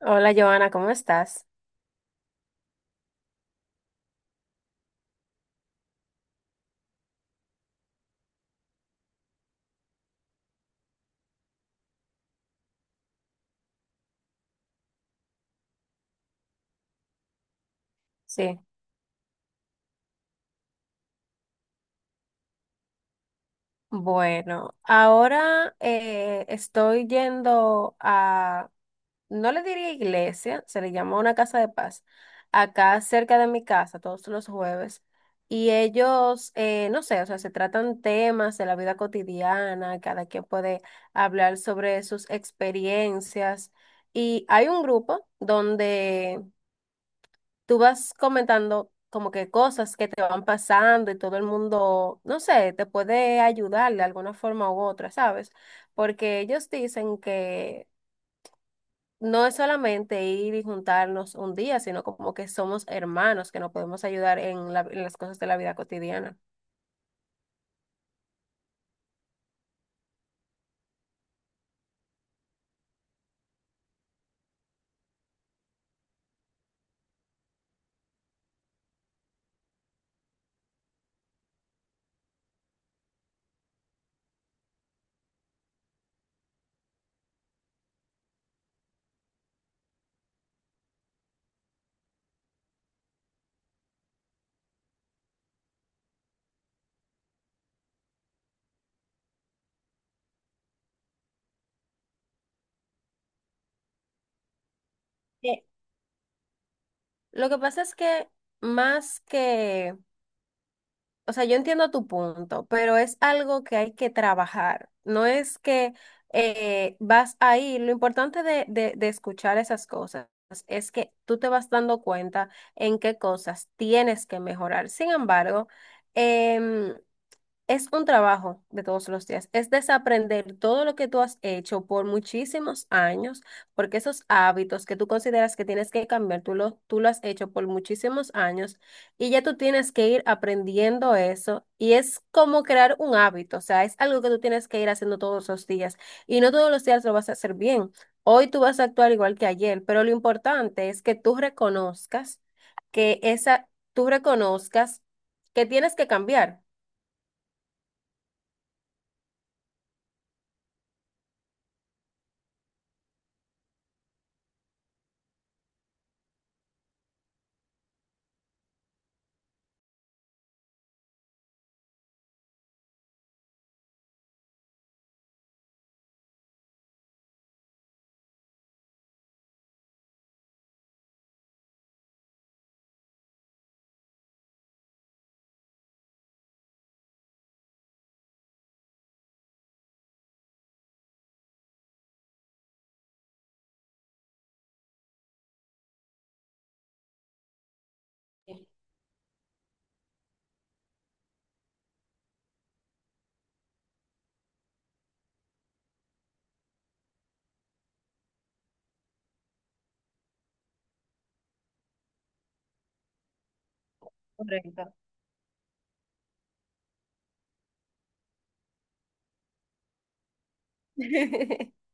Hola, Joana, ¿cómo estás? Sí. Bueno, ahora estoy yendo a, no le diría iglesia, se le llama una casa de paz, acá cerca de mi casa, todos los jueves. Y ellos, no sé, o sea, se tratan temas de la vida cotidiana, cada quien puede hablar sobre sus experiencias. Y hay un grupo donde tú vas comentando como que cosas que te van pasando y todo el mundo, no sé, te puede ayudar de alguna forma u otra, ¿sabes? Porque ellos dicen que no es solamente ir y juntarnos un día, sino como que somos hermanos, que nos podemos ayudar en las cosas de la vida cotidiana. Eh, Lo que pasa es que más que o sea, yo entiendo tu punto, pero es algo que hay que trabajar. No es que vas a ir. Lo importante de escuchar esas cosas es que tú te vas dando cuenta en qué cosas tienes que mejorar. Sin embargo, em, es un trabajo de todos los días, es desaprender todo lo que tú has hecho por muchísimos años, porque esos hábitos que tú consideras que tienes que cambiar, tú lo has hecho por muchísimos años y ya tú tienes que ir aprendiendo eso y es como crear un hábito, o sea, es algo que tú tienes que ir haciendo todos los días y no todos los días lo vas a hacer bien. Hoy tú vas a actuar igual que ayer, pero lo importante es que tú reconozcas que esa, tú reconozcas que tienes que cambiar. Correcto.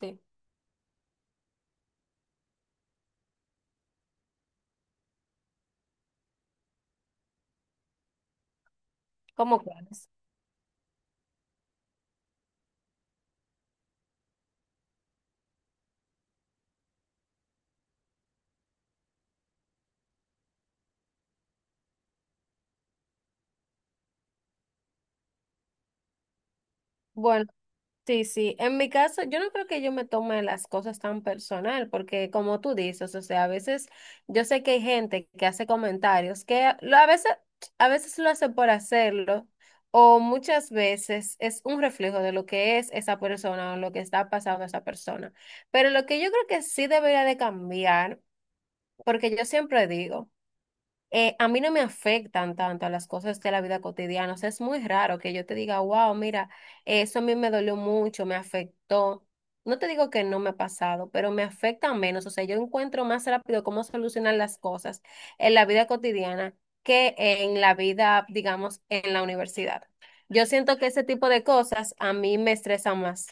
Sí, como quieras. Bueno, sí, sí. En mi caso, yo no creo que yo me tome las cosas tan personal, porque como tú dices, o sea, a veces yo sé que hay gente que hace comentarios que a veces lo hace por hacerlo, o muchas veces es un reflejo de lo que es esa persona o lo que está pasando a esa persona. Pero lo que yo creo que sí debería de cambiar, porque yo siempre digo. A mí no me afectan tanto a las cosas de la vida cotidiana. O sea, es muy raro que yo te diga, wow, mira, eso a mí me dolió mucho, me afectó. No te digo que no me ha pasado, pero me afecta menos. O sea, yo encuentro más rápido cómo solucionar las cosas en la vida cotidiana que en la vida, digamos, en la universidad. Yo siento que ese tipo de cosas a mí me estresan más.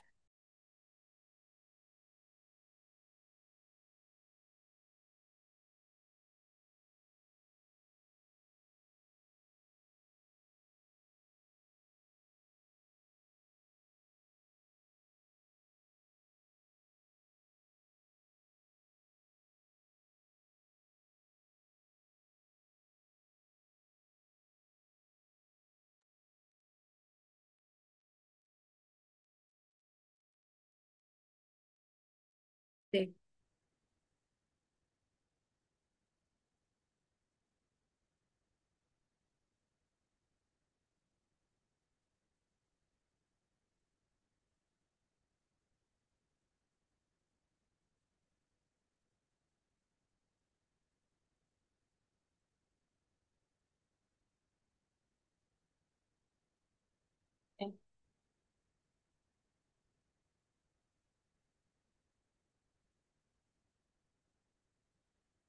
Sí.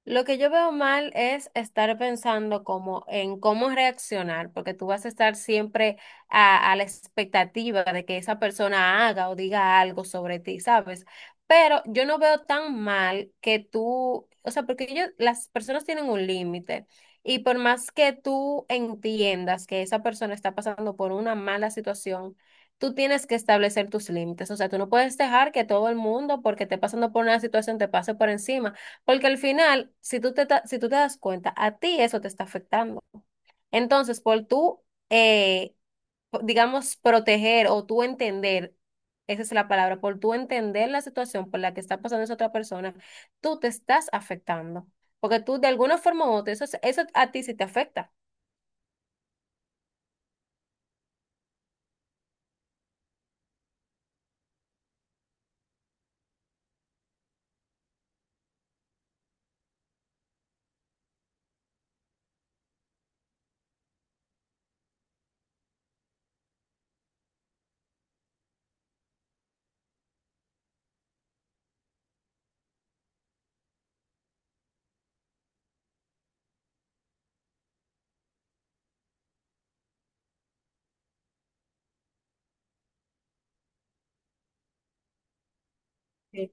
Lo que yo veo mal es estar pensando como en cómo reaccionar, porque tú vas a estar siempre a la expectativa de que esa persona haga o diga algo sobre ti, ¿sabes? Pero yo no veo tan mal que tú, o sea, porque ellos, las personas tienen un límite y por más que tú entiendas que esa persona está pasando por una mala situación, tú tienes que establecer tus límites, o sea, tú no puedes dejar que todo el mundo, porque esté pasando por una situación, te pase por encima. Porque al final, si tú te das cuenta, a ti eso te está afectando. Entonces, eh, digamos, proteger o tú entender, esa es la palabra, por tú entender la situación por la que está pasando esa otra persona, tú te estás afectando. Porque tú, de alguna forma u otra, eso a ti sí te afecta. Sí.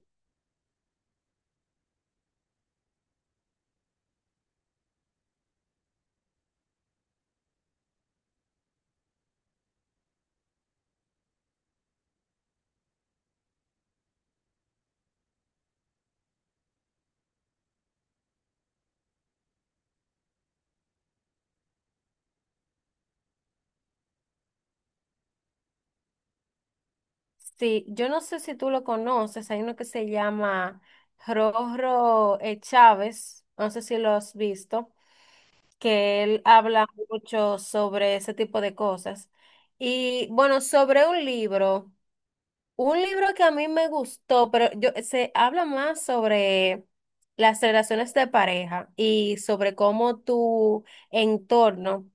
Sí, yo no sé si tú lo conoces, hay uno que se llama Rorro Chávez, no sé si lo has visto. Que él habla mucho sobre ese tipo de cosas. Y bueno, sobre un libro que a mí me gustó, pero yo, se habla más sobre las relaciones de pareja y sobre cómo tu entorno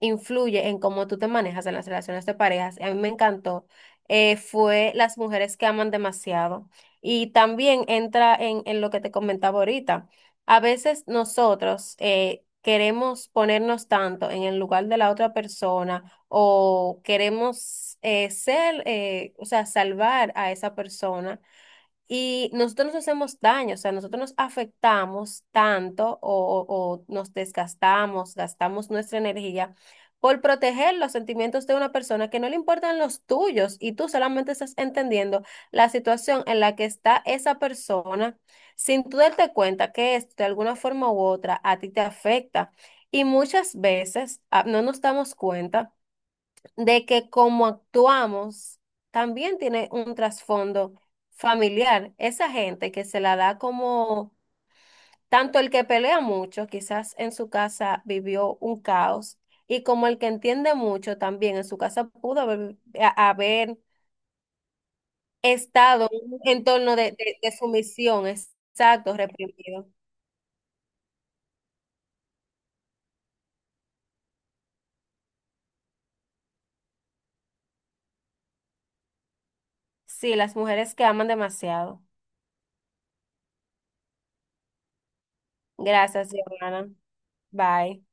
influye en cómo tú te manejas en las relaciones de parejas. A mí me encantó. Fue las mujeres que aman demasiado. Y también entra en lo que te comentaba ahorita. A veces nosotros queremos ponernos tanto en el lugar de la otra persona o queremos ser, o sea, salvar a esa persona y nosotros nos hacemos daño, o sea, nosotros nos afectamos tanto o nos desgastamos, gastamos nuestra energía por proteger los sentimientos de una persona que no le importan los tuyos y tú solamente estás entendiendo la situación en la que está esa persona sin tú darte cuenta que esto de alguna forma u otra a ti te afecta. Y muchas veces no nos damos cuenta de que como actuamos también tiene un trasfondo familiar. Esa gente que se la da como, tanto el que pelea mucho, quizás en su casa vivió un caos, y como el que entiende mucho también en su casa pudo haber, haber estado en un entorno de sumisión, exacto, reprimido. Sí, las mujeres que aman demasiado. Gracias, Giovanna. Bye.